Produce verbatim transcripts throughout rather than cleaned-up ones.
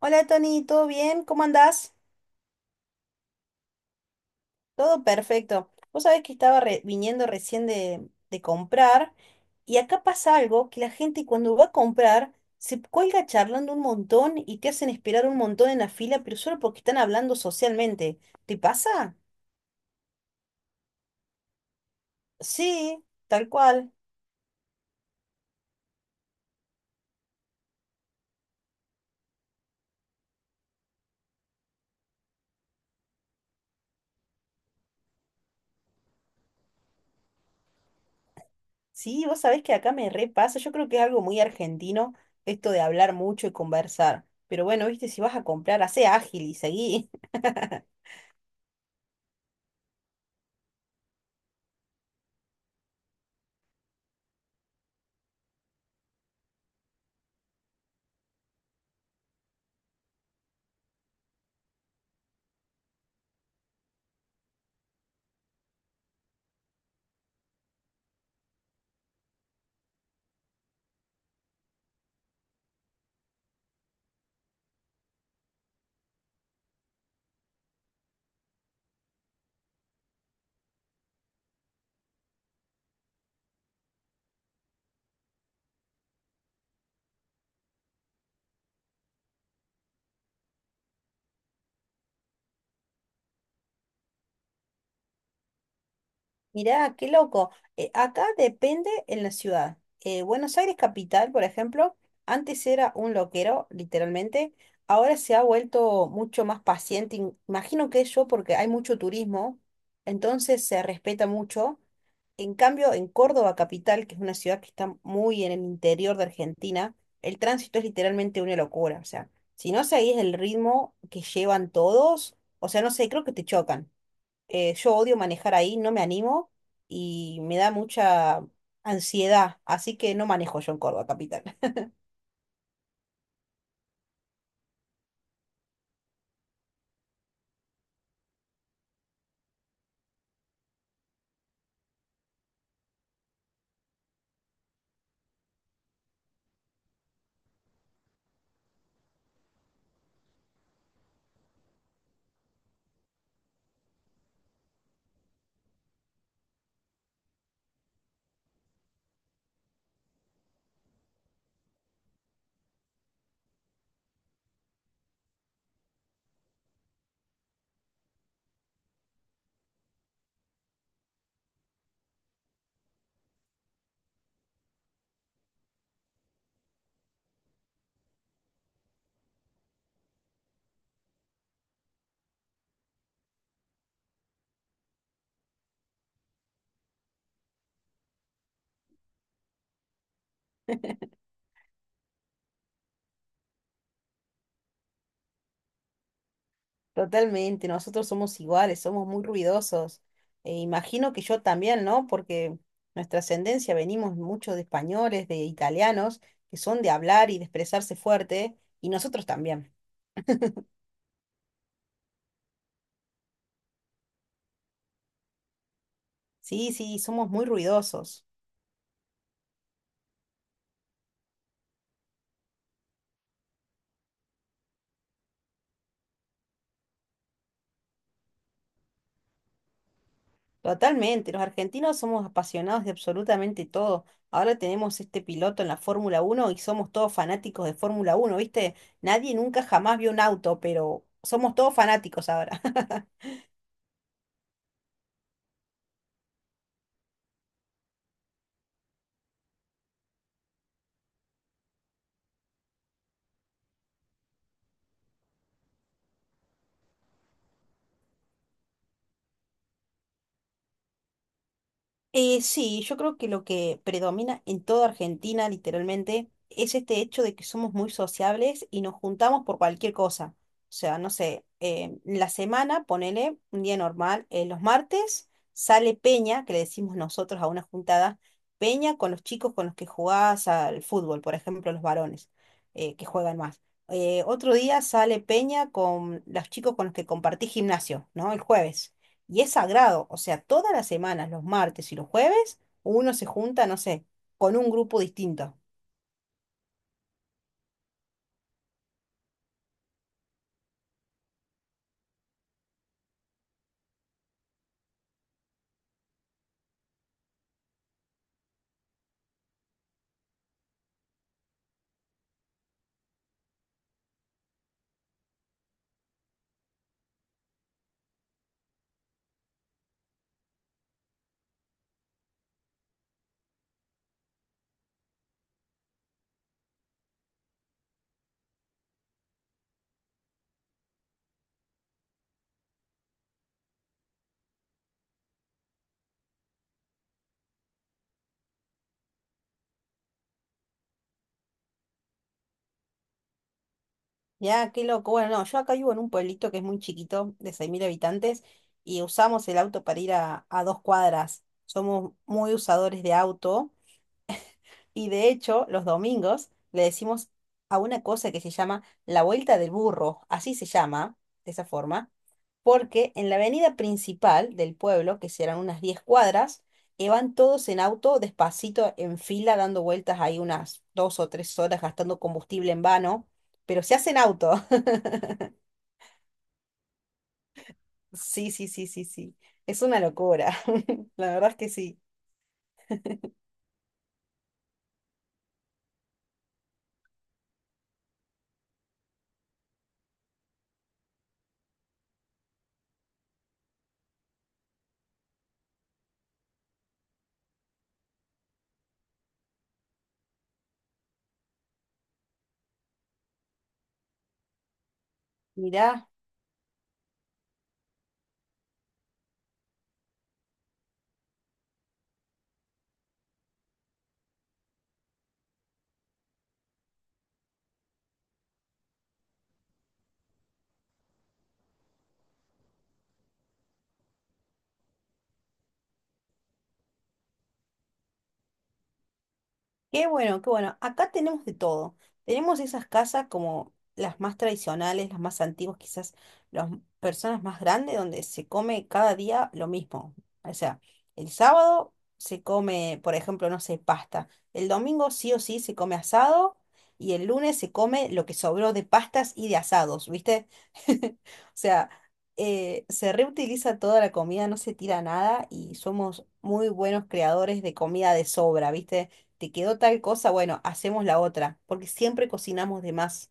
Hola Tony, ¿todo bien? ¿Cómo andás? Todo perfecto. Vos sabés que estaba re- viniendo recién de, de comprar y acá pasa algo que la gente cuando va a comprar se cuelga charlando un montón y te hacen esperar un montón en la fila, pero solo porque están hablando socialmente. ¿Te pasa? Sí, tal cual. Sí, vos sabés que acá me repasa. Yo creo que es algo muy argentino esto de hablar mucho y conversar. Pero bueno, viste, si vas a comprar, hacé ágil y seguí. Mirá, qué loco. Eh, acá depende en la ciudad. Eh, Buenos Aires capital, por ejemplo, antes era un loquero, literalmente. Ahora se ha vuelto mucho más paciente. im- Imagino que eso porque hay mucho turismo, entonces se respeta mucho. En cambio, en Córdoba capital, que es una ciudad que está muy en el interior de Argentina, el tránsito es literalmente una locura. O sea, si no seguís el ritmo que llevan todos, o sea, no sé, creo que te chocan. Eh, yo odio manejar ahí, no me animo y me da mucha ansiedad, así que no manejo yo en Córdoba capital. Totalmente, nosotros somos iguales, somos muy ruidosos. E imagino que yo también, ¿no? Porque nuestra ascendencia venimos mucho de españoles, de italianos, que son de hablar y de expresarse fuerte, y nosotros también. Sí, sí, somos muy ruidosos. Totalmente, los argentinos somos apasionados de absolutamente todo. Ahora tenemos este piloto en la Fórmula Uno y somos todos fanáticos de Fórmula Uno, ¿viste? Nadie nunca jamás vio un auto, pero somos todos fanáticos ahora. Eh, sí, yo creo que lo que predomina en toda Argentina, literalmente, es este hecho de que somos muy sociables y nos juntamos por cualquier cosa. O sea, no sé, eh, la semana, ponele un día normal, eh, los martes sale Peña, que le decimos nosotros a una juntada, Peña con los chicos con los que jugás al fútbol, por ejemplo, los varones, eh, que juegan más. Eh, otro día sale Peña con los chicos con los que compartís gimnasio, ¿no? El jueves. Y es sagrado, o sea, todas las semanas, los martes y los jueves, uno se junta, no sé, con un grupo distinto. Ya, qué loco. Bueno, no, yo acá vivo en un pueblito que es muy chiquito, de seis mil habitantes, y usamos el auto para ir a, a dos cuadras. Somos muy usadores de auto. Y de hecho, los domingos le decimos a una cosa que se llama la vuelta del burro, así se llama, de esa forma, porque en la avenida principal del pueblo, que serán unas diez cuadras, y van todos en auto despacito en fila dando vueltas ahí unas dos o tres horas gastando combustible en vano, pero se hacen auto. Sí, sí, sí, sí, sí. Es una locura. La verdad es que sí. Mirá, qué bueno, qué bueno. Acá tenemos de todo. Tenemos esas casas como las más tradicionales, las más antiguas, quizás las m- personas más grandes, donde se come cada día lo mismo. O sea, el sábado se come, por ejemplo, no sé, pasta. El domingo sí o sí se come asado y el lunes se come lo que sobró de pastas y de asados, ¿viste? O sea, eh, se reutiliza toda la comida, no se tira nada y somos muy buenos creadores de comida de sobra, ¿viste? Te quedó tal cosa, bueno, hacemos la otra, porque siempre cocinamos de más.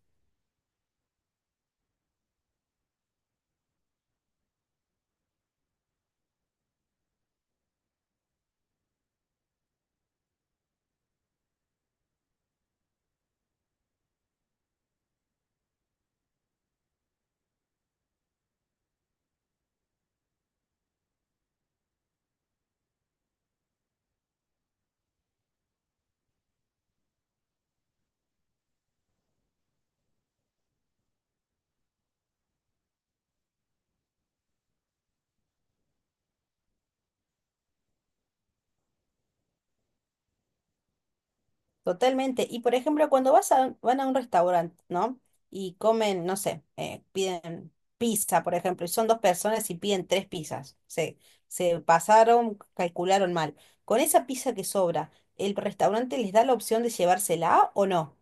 Totalmente. Y por ejemplo, cuando vas a, van a un restaurante, ¿no? Y comen, no sé, eh, piden pizza, por ejemplo, y son dos personas y piden tres pizzas. Se, se pasaron, calcularon mal. Con esa pizza que sobra, ¿el restaurante les da la opción de llevársela o no?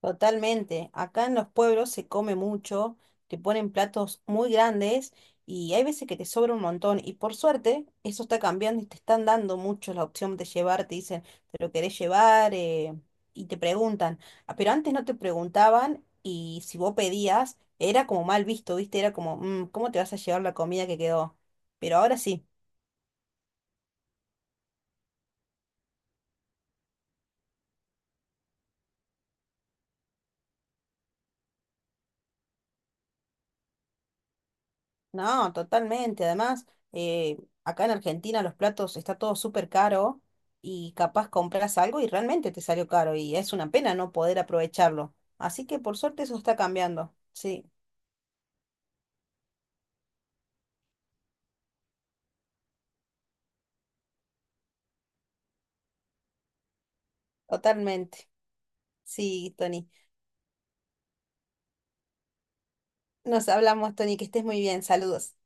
Totalmente. Acá en los pueblos se come mucho, te ponen platos muy grandes y hay veces que te sobra un montón. Y por suerte, eso está cambiando y te están dando mucho la opción de llevar. Te dicen, ¿te lo querés llevar? eh, y te preguntan. Ah, pero antes no te preguntaban y si vos pedías, era como mal visto, ¿viste? Era como, "Mm, ¿cómo te vas a llevar la comida que quedó?" Pero ahora sí. No, totalmente. Además, eh, acá en Argentina los platos está todo súper caro y capaz compras algo y realmente te salió caro y es una pena no poder aprovecharlo. Así que por suerte eso está cambiando. Sí, totalmente. Sí, Tony. Nos hablamos, Tony, que estés muy bien. Saludos.